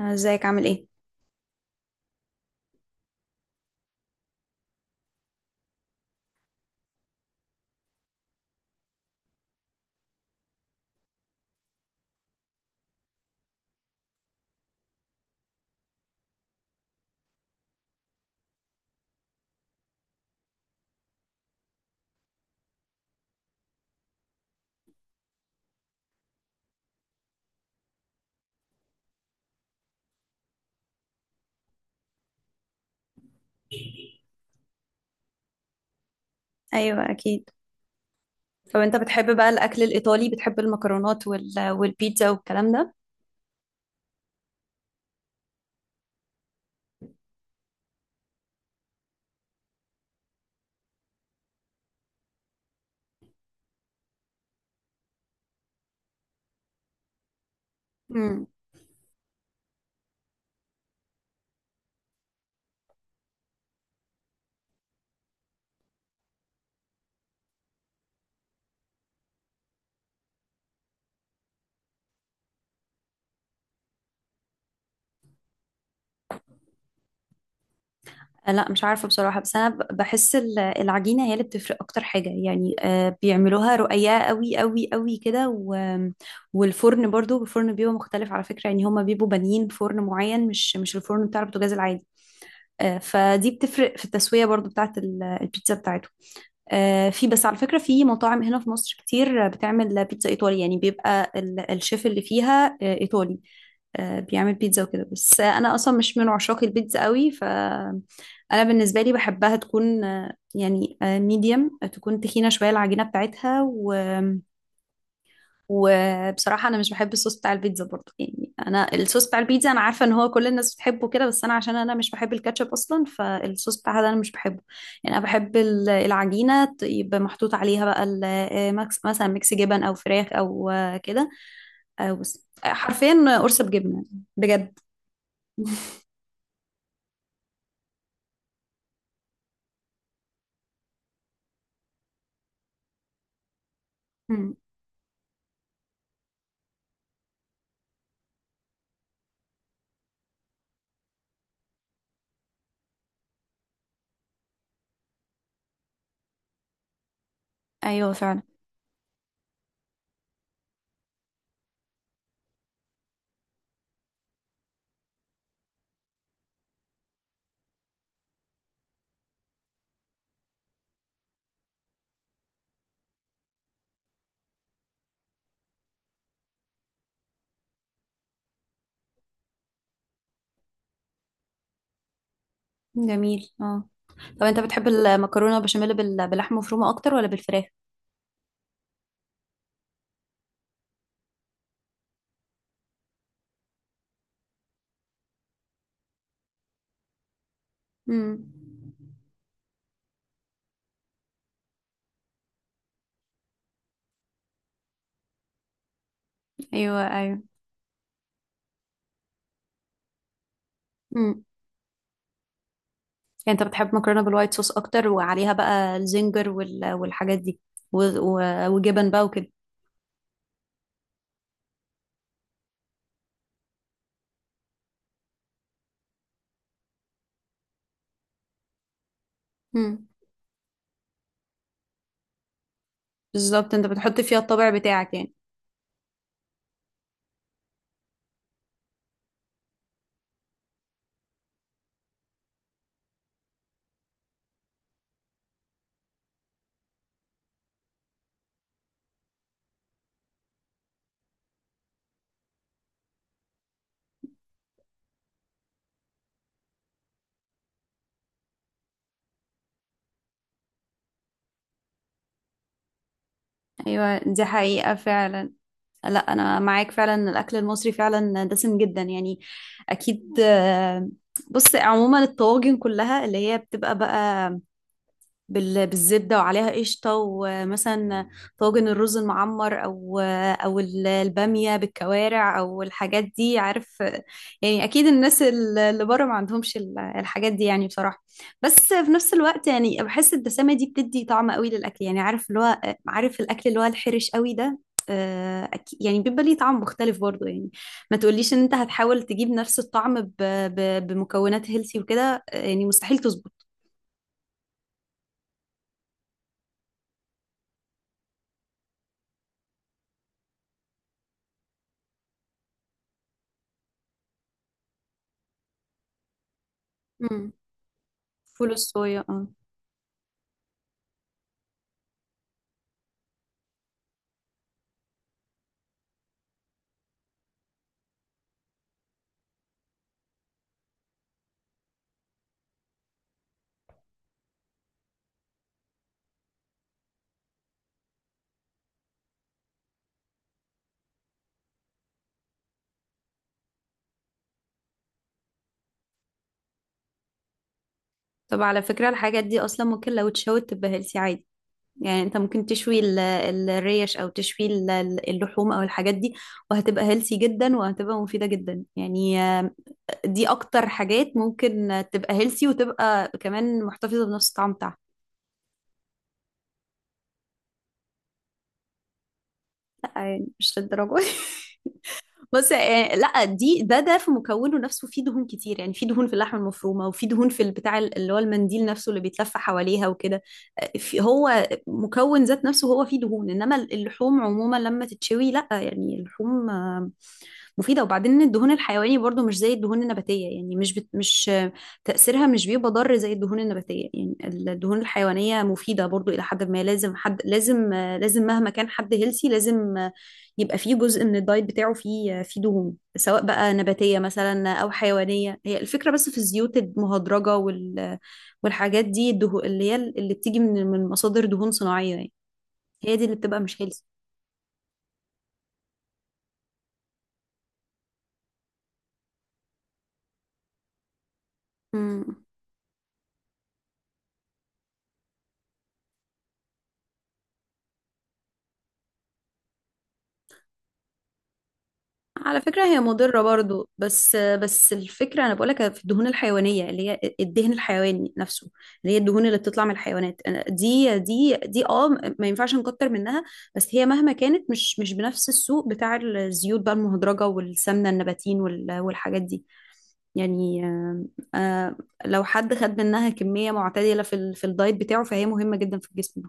ازيك عامل ايه؟ ايوه اكيد. طب انت بتحب بقى الاكل الايطالي؟ بتحب المكرونات والبيتزا والكلام ده؟ امم. لا مش عارفه بصراحه. بس انا بحس العجينه هي اللي بتفرق اكتر حاجه. يعني بيعملوها رقيقه قوي قوي قوي كده والفرن برضو، الفرن بيبقى مختلف على فكره. يعني هما بيبقوا بانيين فرن معين، مش الفرن بتاع البوتاجاز العادي. فدي بتفرق في التسويه برضو بتاعت البيتزا بتاعتهم. في بس على فكرة في مطاعم هنا في مصر كتير بتعمل بيتزا إيطالي. يعني بيبقى الشيف اللي فيها إيطالي، بيعمل بيتزا وكده. بس أنا أصلا مش من عشاق البيتزا قوي. فأنا بالنسبة لي بحبها تكون يعني ميديم، تكون تخينة شوية العجينة بتاعتها. وبصراحة أنا مش بحب الصوص بتاع البيتزا برضه. يعني أنا الصوص بتاع البيتزا، أنا عارفة إن هو كل الناس بتحبه كده، بس أنا عشان أنا مش بحب الكاتشب أصلا، فالصوص بتاعها ده أنا مش بحبه. يعني أنا بحب العجينة يبقى محطوط عليها بقى مكس، مثلا ميكس جبن أو فراخ أو كده. أو بس حرفيا قرصة بجبنة. بجد. مم. أيوه فعلا. جميل، اه. طب أنت بتحب المكرونة بشاميل باللحمة مفرومة أكتر ولا بالفراخ؟ مم. أيوه أيوه. مم. يعني انت بتحب مكرونه بالوايت صوص اكتر، وعليها بقى الزنجر والحاجات دي وجبن بقى وكده. امم. بالظبط، انت بتحط فيها الطابع بتاعك يعني. ايوه، دي حقيقه فعلا. لا انا معاك فعلا إن الاكل المصري فعلا دسم جدا يعني. اكيد. بص عموما الطواجن كلها اللي هي بتبقى بقى بالزبدة وعليها قشطة، ومثلا طاجن الرز المعمر أو أو البامية بالكوارع أو الحاجات دي، عارف. يعني أكيد الناس اللي بره ما عندهمش الحاجات دي يعني بصراحة. بس في نفس الوقت يعني بحس الدسامة دي بتدي طعم قوي للأكل، يعني عارف اللي هو، عارف الأكل اللي هو الحرش قوي ده، يعني بيبقى ليه طعم مختلف برضو يعني. ما تقوليش ان انت هتحاول تجيب نفس الطعم بمكونات هيلثي وكده. يعني مستحيل تظبط. مم. فول الصويا، اه. طب على فكرة الحاجات دي أصلا ممكن لو اتشوت تبقى هيلثي عادي. يعني أنت ممكن تشوي الريش أو تشوي اللحوم أو الحاجات دي، وهتبقى هيلثي جدا وهتبقى مفيدة جدا. يعني دي أكتر حاجات ممكن تبقى هيلثي وتبقى كمان محتفظة بنفس الطعم بتاعها. مش للدرجة دي. بص لا دي ده في مكونه نفسه فيه دهون كتير. يعني فيه دهون في اللحمه المفرومه، وفيه دهون في البتاع اللي هو المنديل نفسه اللي بيتلف حواليها وكده. هو مكون ذات نفسه هو فيه دهون، انما اللحوم عموما لما تتشوي لا. يعني اللحوم مفيدة. وبعدين إن الدهون الحيواني برضو مش زي الدهون النباتية. يعني مش بت... مش تأثيرها مش بيبقى ضار زي الدهون النباتية يعني. الدهون الحيوانية مفيدة برضو إلى حد ما. لازم حد، لازم لازم مهما كان حد هيلسي، لازم يبقى فيه جزء من الدايت بتاعه فيه دهون، سواء بقى نباتية مثلا أو حيوانية. هي الفكرة بس في الزيوت المهدرجة والحاجات دي. الدهون اللي هي اللي بتيجي من مصادر دهون صناعية، يعني هي دي اللي بتبقى مش هيلسي. على فكرة هي مضرة برضو، بس الفكرة أنا بقولك في الدهون الحيوانية اللي هي الدهن الحيواني نفسه، اللي هي الدهون اللي بتطلع من الحيوانات. دي اه، ما ينفعش نكتر منها. بس هي مهما كانت مش بنفس السوق بتاع الزيوت بقى المهدرجة والسمنة النباتين والحاجات دي يعني. آه، لو حد خد منها كمية معتدلة في في الدايت بتاعه، فهي مهمة جدا في الجسم.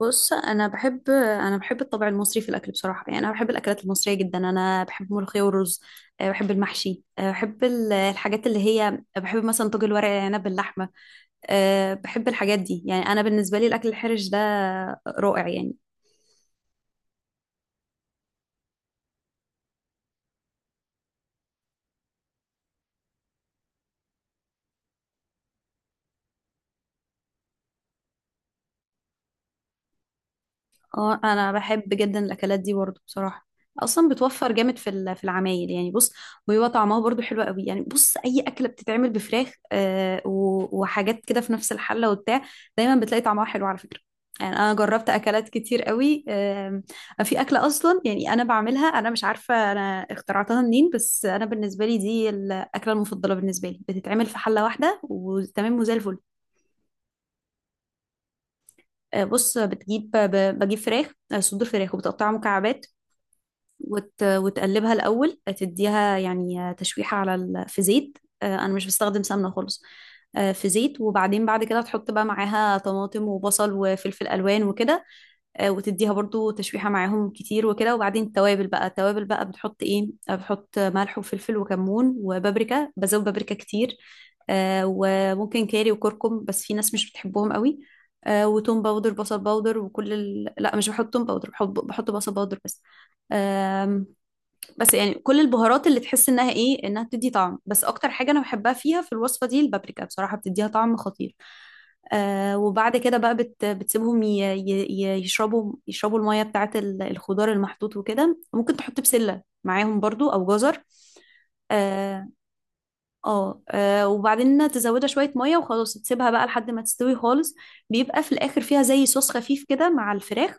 بص انا بحب، الطابع المصري في الاكل بصراحه. يعني انا بحب الاكلات المصريه جدا. انا بحب الملوخيه والرز، أه، بحب المحشي، أه، بحب الحاجات اللي هي، بحب مثلا طاجن الورق العنب باللحمه، أه، بحب الحاجات دي. يعني انا بالنسبه لي الاكل الحرش ده رائع يعني. اه انا بحب جدا الاكلات دي برضو بصراحه. اصلا بتوفر جامد في في العمايل يعني. بص، وبيبقى طعمها برضو حلو قوي. يعني بص اي اكله بتتعمل بفراخ وحاجات كده في نفس الحله وبتاع، دايما بتلاقي طعمها حلو على فكره. يعني انا جربت اكلات كتير قوي. آه، في اكله اصلا، يعني انا بعملها، انا مش عارفه انا اخترعتها منين، بس انا بالنسبه لي دي الاكله المفضله بالنسبه لي. بتتعمل في حله واحده وتمام وزي الفل. بص بتجيب، بجيب فراخ، صدور فراخ، وبتقطعها مكعبات. وتقلبها الأول، تديها يعني تشويحة على في زيت. أنا مش بستخدم سمنة خالص، في زيت. وبعدين بعد كده تحط بقى معاها طماطم وبصل وفلفل ألوان وكده. وتديها برضو تشويحة معاهم كتير وكده. وبعدين التوابل بقى، بتحط إيه، بتحط ملح وفلفل وكمون وبابريكا، بزود بابريكا كتير. وممكن كاري وكركم، بس في ناس مش بتحبهم قوي. وتوم باودر، بصل باودر، وكل لا مش بحط توم باودر، بحط بصل باودر بس. بس يعني كل البهارات اللي تحس انها ايه، انها بتدي طعم، بس اكتر حاجه انا بحبها فيها في الوصفه دي البابريكا بصراحه، بتديها طعم خطير. آه، وبعد كده بقى بتسيبهم يشربوا الميه بتاعه الخضار المحطوط وكده. ممكن تحط بسله معاهم برضو او جزر. اه اه. وبعدين تزودها شويه ميه وخلاص، تسيبها بقى لحد ما تستوي خالص. بيبقى في الاخر فيها زي صوص خفيف كده مع الفراخ،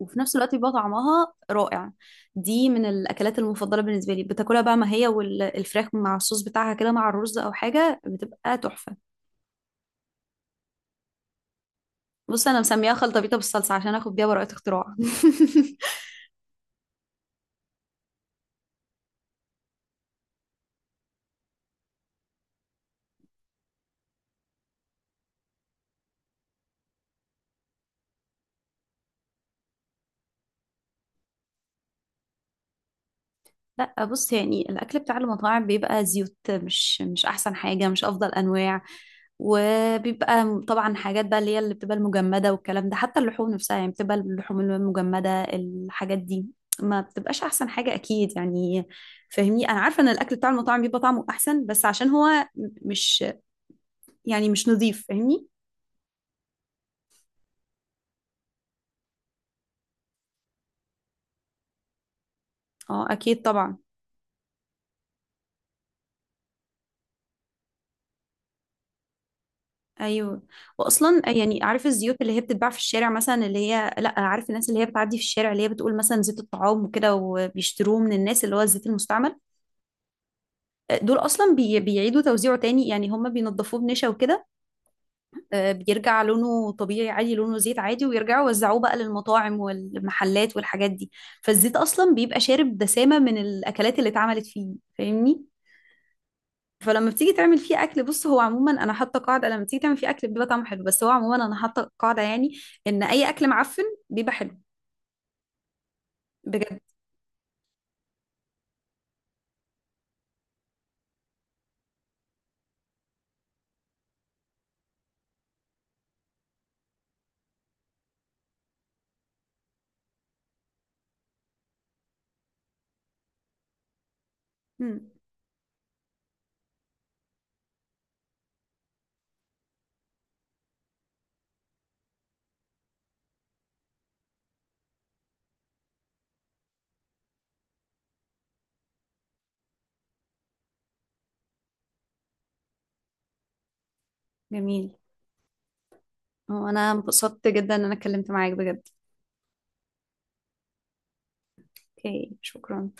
وفي نفس الوقت بيبقى طعمها رائع. دي من الأكلات المفضلة بالنسبة لي. بتاكلها بقى ما هي والفراخ مع الصوص بتاعها كده مع الرز أو حاجة، بتبقى تحفة. بص أنا مسميها خلطة بيضة بالصلصة عشان آخد بيها براءة اختراع. لا بص يعني الاكل بتاع المطاعم بيبقى زيوت، مش احسن حاجه، مش افضل انواع. وبيبقى طبعا حاجات بقى اللي هي اللي بتبقى المجمده والكلام ده. حتى اللحوم نفسها يعني بتبقى اللحوم المجمده، الحاجات دي ما بتبقاش احسن حاجه اكيد يعني. فاهمني، انا عارفه ان الاكل بتاع المطاعم بيبقى طعمه احسن، بس عشان هو مش، يعني مش نظيف، فاهمني. اه اكيد طبعا. ايوه. واصلا يعني عارف الزيوت اللي هي بتتباع في الشارع مثلا، اللي هي لا عارف الناس اللي هي بتعدي في الشارع اللي هي بتقول مثلا زيت الطعام وكده، وبيشتروه من الناس اللي هو الزيت المستعمل. دول اصلا بيعيدوا توزيعه تاني يعني. هم بينضفوه بنشا وكده. بيرجع لونه طبيعي عادي، لونه زيت عادي، ويرجعوا يوزعوه بقى للمطاعم والمحلات والحاجات دي. فالزيت اصلا بيبقى شارب دسامة من الاكلات اللي اتعملت فيه، فاهمني. فلما بتيجي تعمل فيه اكل، بص هو عموما انا حاطه قاعده، لما بتيجي تعمل فيه اكل بيبقى طعمه حلو، بس هو عموما انا حاطه قاعده، يعني ان اي اكل معفن بيبقى حلو. بجد. مم. جميل. هو انا انبسطت جدا ان انا اتكلمت معاك بجد. اوكي، شكرا.